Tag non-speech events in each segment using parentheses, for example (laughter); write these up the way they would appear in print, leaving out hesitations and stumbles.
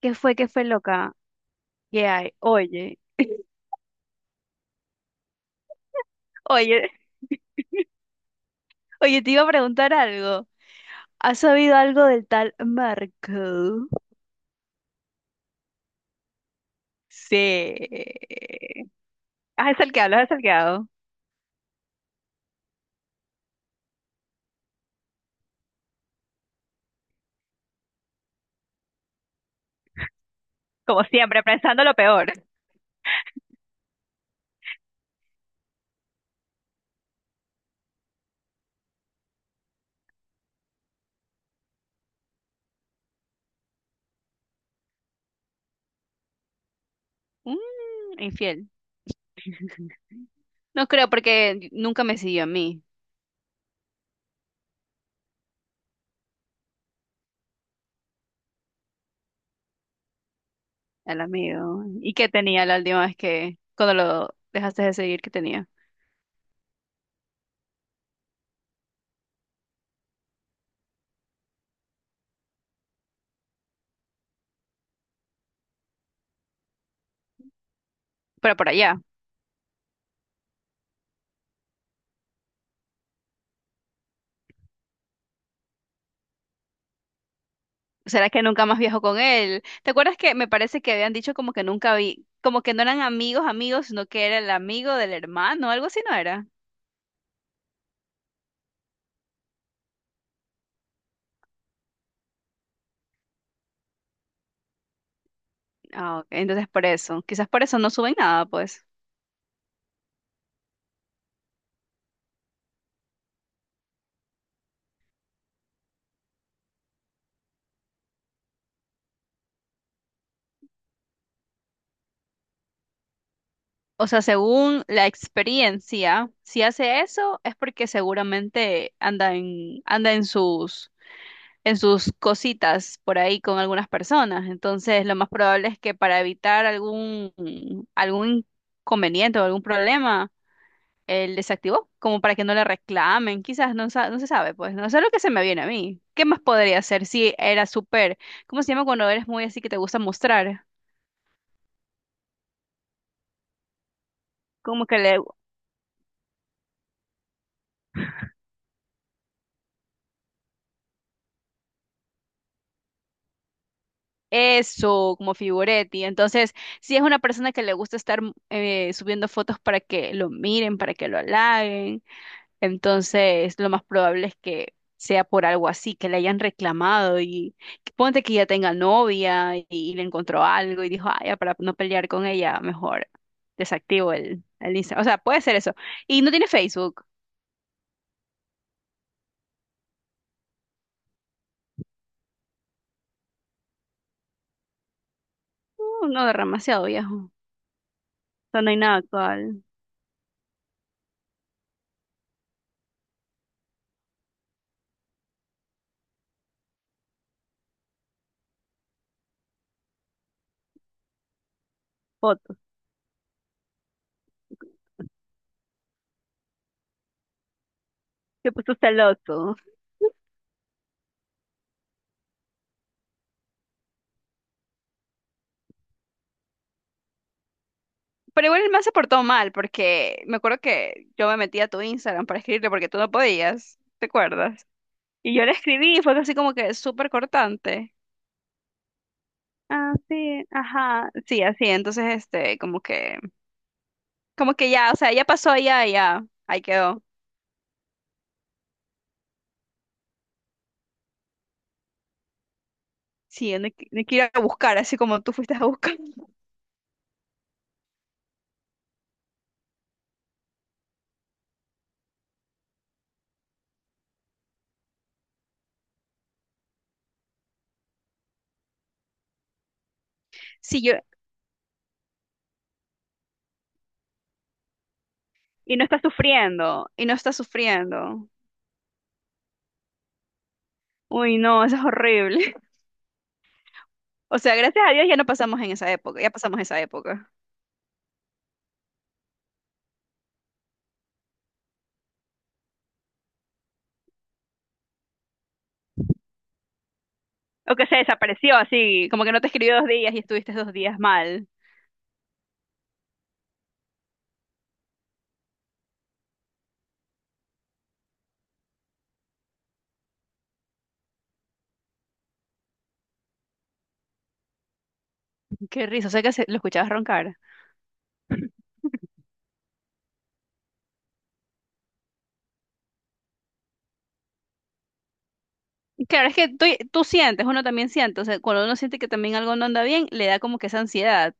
Qué fue loca? ¿Qué hay? Oye, (laughs) oye, oye, te iba a preguntar algo. ¿Has sabido algo del tal Marco? Sí. Ah, es el que hablo, es el que hago. Como siempre, pensando lo peor. Mm, infiel. No creo porque nunca me siguió a mí, al amigo. ¿Y qué tenía la última vez que, cuando lo dejaste de seguir, qué tenía? Pero por allá. ¿Será que nunca más viajo con él? ¿Te acuerdas que me parece que habían dicho como que nunca vi, como que no eran amigos, amigos, sino que era el amigo del hermano, algo así no era? Ah, ok, entonces por eso, quizás por eso no suben nada, pues. O sea, según la experiencia, si hace eso es porque seguramente anda anda en sus cositas por ahí con algunas personas. Entonces, lo más probable es que para evitar algún, algún inconveniente o algún problema él desactivó, como para que no le reclamen, quizás no, no se sabe, pues, no, eso es lo que se me viene a mí. ¿Qué más podría hacer si era súper, cómo se llama cuando eres muy así que te gusta mostrar? Como que le, eso, como figuretti. Entonces, si es una persona que le gusta estar subiendo fotos para que lo miren, para que lo halaguen. Entonces, lo más probable es que sea por algo así, que le hayan reclamado y que ponte que ya tenga novia y, le encontró algo y dijo, ah, ya, para no pelear con ella, mejor desactivo el Instagram. O sea, puede ser eso. Y no tiene Facebook. No, demasiado viejo. O sea, no hay nada actual. Fotos. Se puso celoso. Pero igual el man se portó mal porque me acuerdo que yo me metí a tu Instagram para escribirle porque tú no podías, ¿te acuerdas? Y yo le escribí y fue así como que súper cortante. Ah, sí, ajá, sí, así, entonces, este, como que ya, o sea, ya pasó, ya, ahí quedó. Sí, no hay que ir a buscar, así como tú fuiste a buscar. (laughs) Sí, yo, y no está sufriendo, y no está sufriendo. Uy, no, eso es horrible. (laughs) O sea, gracias a Dios ya no pasamos en esa época, ya pasamos esa época. O que se desapareció así, como que no te escribió 2 días y estuviste 2 días mal. Qué risa, o sea que lo escuchabas roncar. Claro, es que tú sientes, uno también siente, o sea, cuando uno siente que también algo no anda bien, le da como que esa ansiedad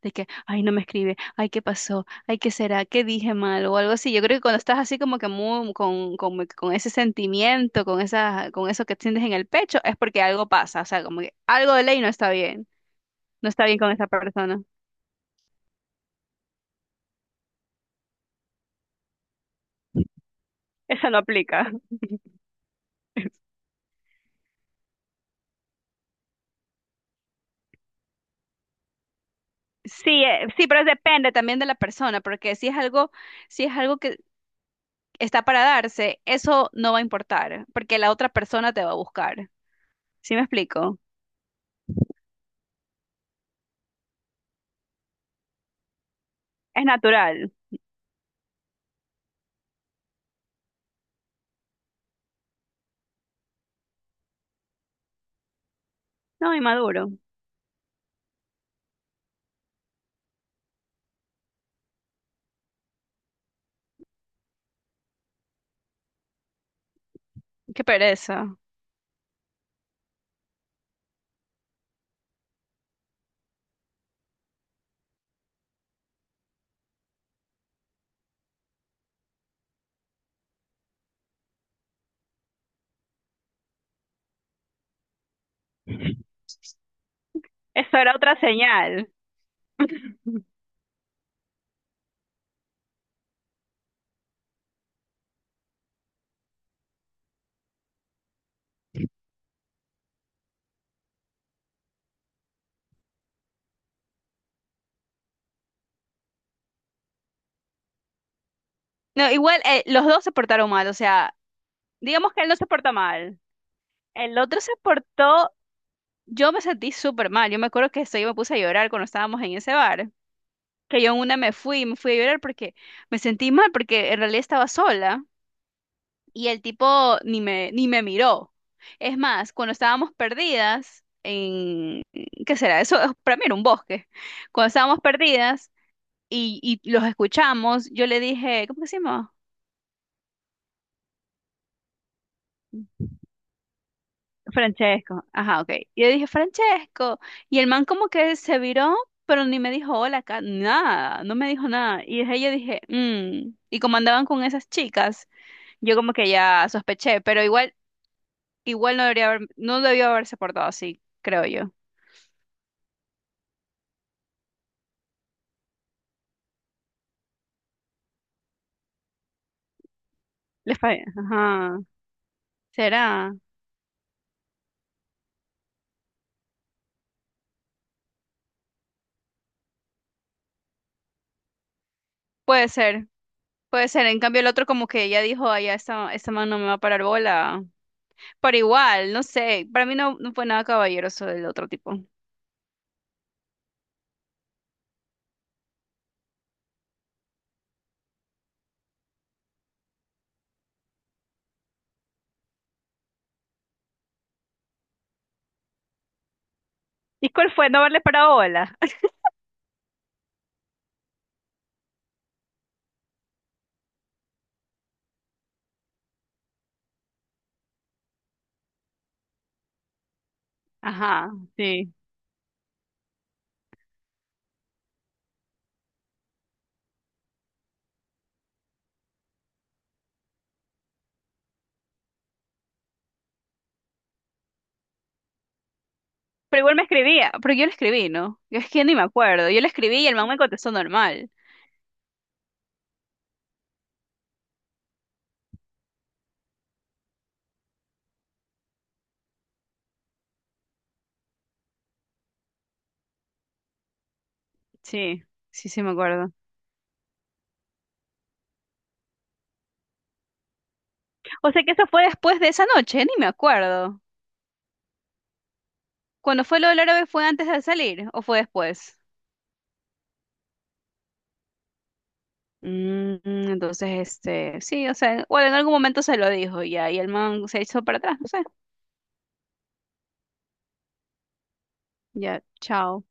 de que, ay, no me escribe, ay, ¿qué pasó? Ay, ¿qué será? ¿Qué dije mal? O algo así. Yo creo que cuando estás así como que muy, con ese sentimiento, con esa, con eso que sientes en el pecho, es porque algo pasa, o sea, como que algo de ley no está bien, no está bien con esa persona. Eso no aplica. Sí, sí, pero depende también de la persona, porque si es algo, si es algo que está para darse, eso no va a importar, porque la otra persona te va a buscar. ¿Sí me explico? Es natural. No, inmaduro. Qué pereza. Eso era otra señal. No, igual los dos se portaron mal, o sea, digamos que él no se porta mal. El otro se portó, yo me sentí súper mal. Yo me acuerdo que esto, yo me puse a llorar cuando estábamos en ese bar, que yo en una me fui a llorar porque me sentí mal, porque en realidad estaba sola y el tipo ni me miró. Es más, cuando estábamos perdidas en, ¿qué será? Para mí era un bosque. Cuando estábamos perdidas y, los escuchamos, yo le dije, ¿cómo que se llama? Francesco, ajá, ok. Y yo dije, Francesco. Y el man como que se viró, pero ni me dijo hola, nada, no me dijo nada. Y desde ahí yo dije, "Mm". Y como andaban con esas chicas, yo como que ya sospeché, pero igual, no debió haberse portado así, creo yo. Ajá, será, puede ser, puede ser. En cambio el otro como que ya dijo, ay, ya esta man no me va a parar bola. Pero igual, no sé, para mí no, no fue nada caballeroso del otro tipo. ¿Y cuál fue? ¿No haberle parado bola? Ajá, sí. Pero igual me escribía, pero yo le escribí, ¿no? Yo es que ni me acuerdo. Yo le escribí y el man me contestó normal. Sí, sí, sí me acuerdo. O sea que eso fue después de esa noche, ni me acuerdo. Cuando fue lo del árabe, ¿fue antes de salir o fue después? Mm, entonces, este, sí, o sea, bueno, en algún momento se lo dijo ya, y el man se echó para atrás, no sé. Ya, chao.